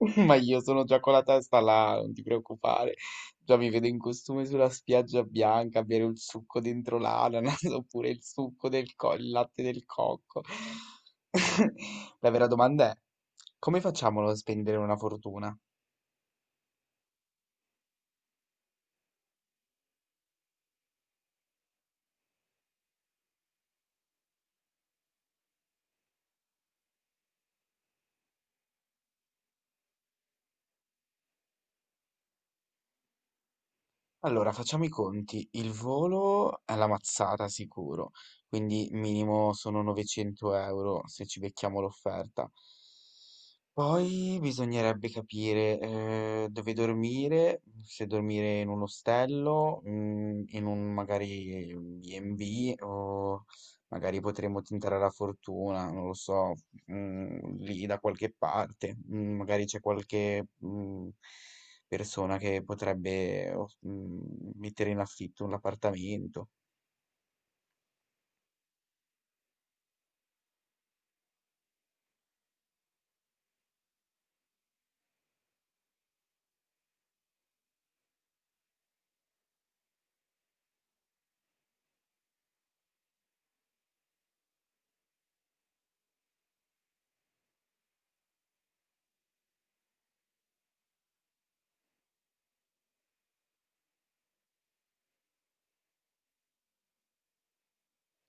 Ma io sono già con la testa là, non ti preoccupare. Già mi vedo in costume sulla spiaggia bianca a bere il succo dentro l'ananas oppure il succo il latte del cocco. La vera domanda è: come facciamo a non spendere una fortuna? Allora, facciamo i conti. Il volo è la mazzata sicuro, quindi minimo sono 900 euro se ci becchiamo l'offerta. Poi bisognerebbe capire, dove dormire, se dormire in un ostello, in un magari B&B o magari potremmo tentare la fortuna, non lo so, lì da qualche parte. Mhmm, Magari c'è qualche, persona che potrebbe o mettere in affitto un appartamento.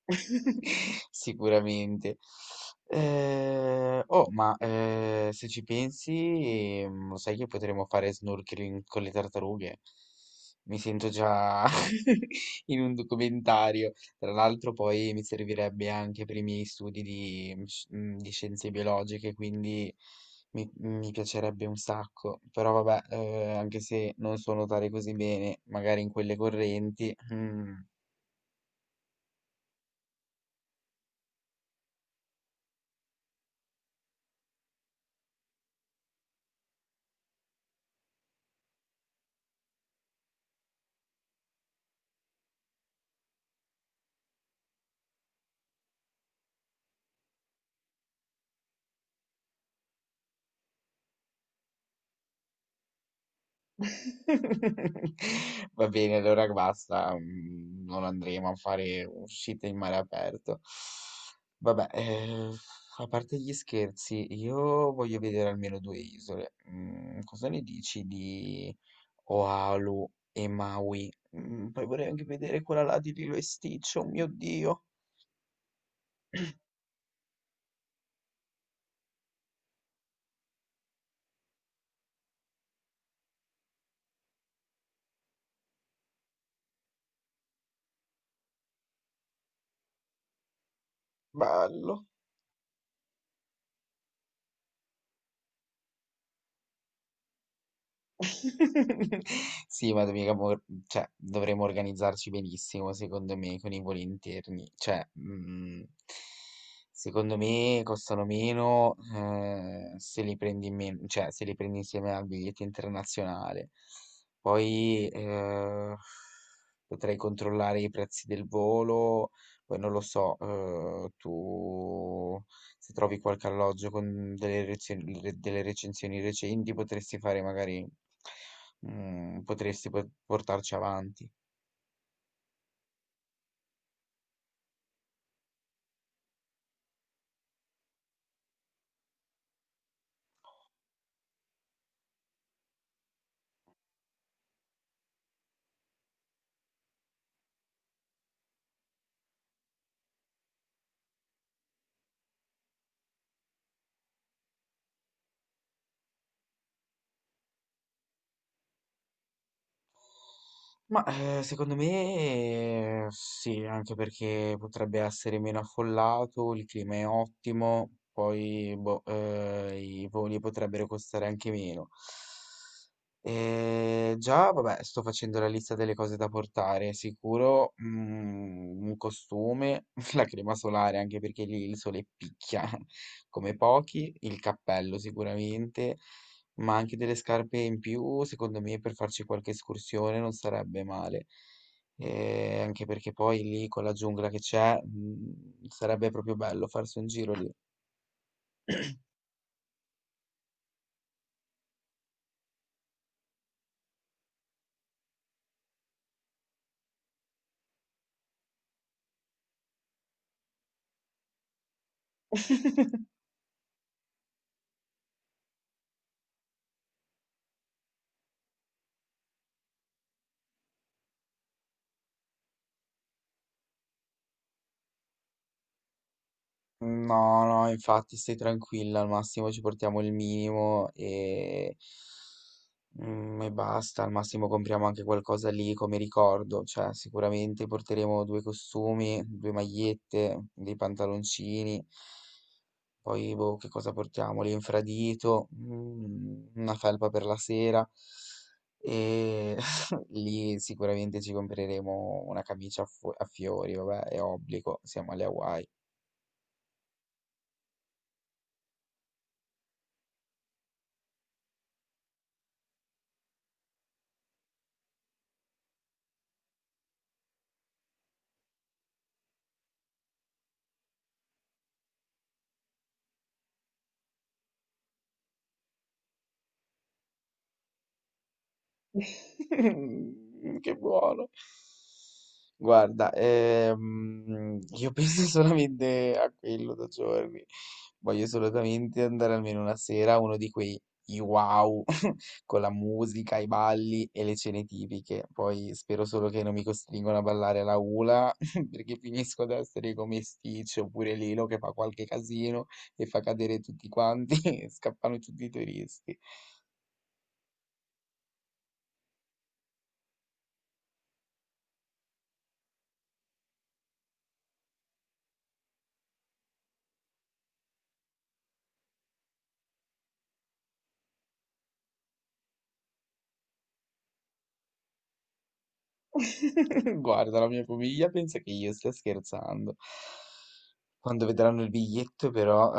Sicuramente. Oh, ma se ci pensi, lo sai che potremmo fare snorkeling con le tartarughe? Mi sento già in un documentario. Tra l'altro, poi mi servirebbe anche per i miei studi di, di scienze biologiche, quindi mi piacerebbe un sacco. Però vabbè, anche se non so nuotare così bene, magari in quelle correnti. Mm. Va bene, allora basta, non andremo a fare uscite in mare aperto. Vabbè, a parte gli scherzi, io voglio vedere almeno due isole. Cosa ne dici di Oahu e Maui? Poi vorrei anche vedere quella là di Lilo e Stitch, oh mio Dio, bello. Sì, ma mica cioè, dovremmo organizzarci benissimo, secondo me, con i voli interni. Cioè, secondo me costano meno se li prendi cioè, se li prendi insieme al biglietto internazionale. Poi potrei controllare i prezzi del volo, poi non lo so, tu se trovi qualche alloggio con delle recensioni recenti potresti fare magari, potresti portarci avanti. Ma secondo me sì, anche perché potrebbe essere meno affollato, il clima è ottimo, poi boh, i voli potrebbero costare anche meno. E già, vabbè, sto facendo la lista delle cose da portare. Sicuro, un costume, la crema solare, anche perché lì il sole picchia come pochi, il cappello sicuramente, ma anche delle scarpe in più, secondo me, per farci qualche escursione non sarebbe male. E anche perché poi lì con la giungla che c'è, sarebbe proprio bello farsi un giro lì. No, no, infatti stai tranquilla, al massimo ci portiamo il minimo e basta, al massimo compriamo anche qualcosa lì come ricordo, cioè sicuramente porteremo due costumi, due magliette, dei pantaloncini, poi boh, che cosa portiamo? L'infradito, una felpa per la sera e lì sicuramente ci compreremo una camicia a fiori, vabbè, è obbligo, siamo alle Hawaii. Mm, che buono. Guarda, io penso solamente a quello da giorni. Voglio assolutamente andare almeno una sera a uno di quei i wow con la musica, i balli e le cene tipiche. Poi spero solo che non mi costringono a ballare alla hula perché finisco ad essere come Stitch oppure Lilo che fa qualche casino e fa cadere tutti quanti e scappano tutti i turisti. Guarda, la mia famiglia pensa che io stia scherzando. Quando vedranno il biglietto, però,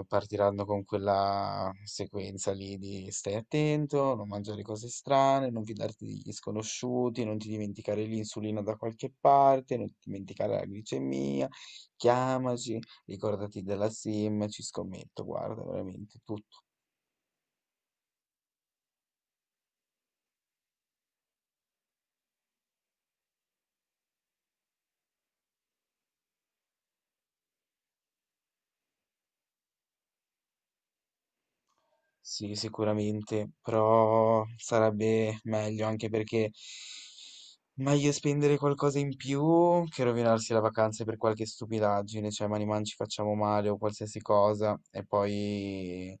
partiranno con quella sequenza lì di stai attento, non mangiare cose strane, non fidarti degli sconosciuti, non ti dimenticare l'insulina da qualche parte, non ti dimenticare la glicemia, chiamaci, ricordati della SIM, ci scommetto, guarda, veramente. Sì, sicuramente, però sarebbe meglio anche perché meglio spendere qualcosa in più che rovinarsi la vacanza per qualche stupidaggine, cioè man ci facciamo male o qualsiasi cosa e poi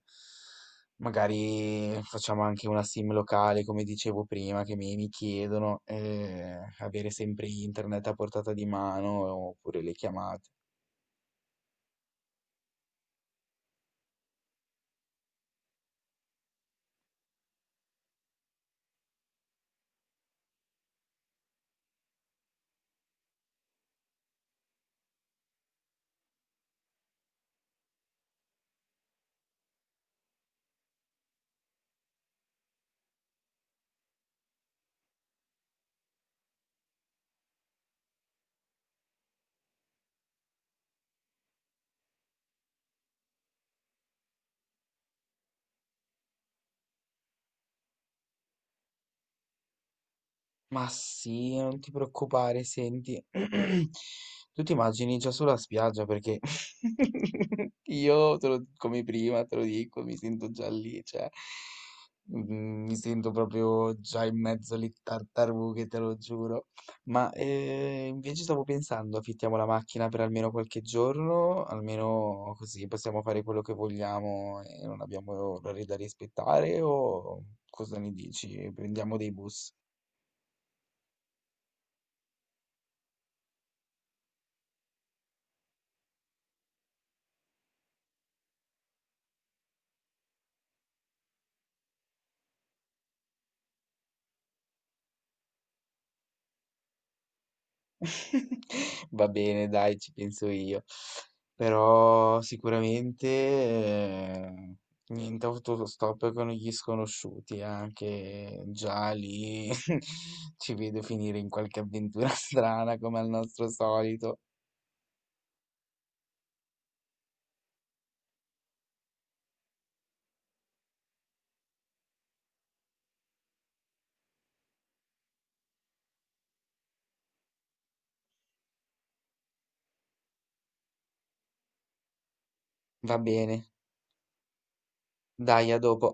magari facciamo anche una sim locale, come dicevo prima, che mi chiedono, avere sempre internet a portata di mano oppure le chiamate. Ma sì, non ti preoccupare, senti, tu ti immagini già sulla spiaggia perché io, come prima, te lo dico, mi sento già lì, cioè, mi sento proprio già in mezzo alle tartarughe, te lo giuro. Ma invece stavo pensando, affittiamo la macchina per almeno qualche giorno, almeno così possiamo fare quello che vogliamo e non abbiamo orari da rispettare, o cosa ne dici? Prendiamo dei bus? Va bene, dai, ci penso io. Però sicuramente niente autostop con gli sconosciuti, anche già lì ci vedo finire in qualche avventura strana come al nostro solito. Va bene, dai, a dopo.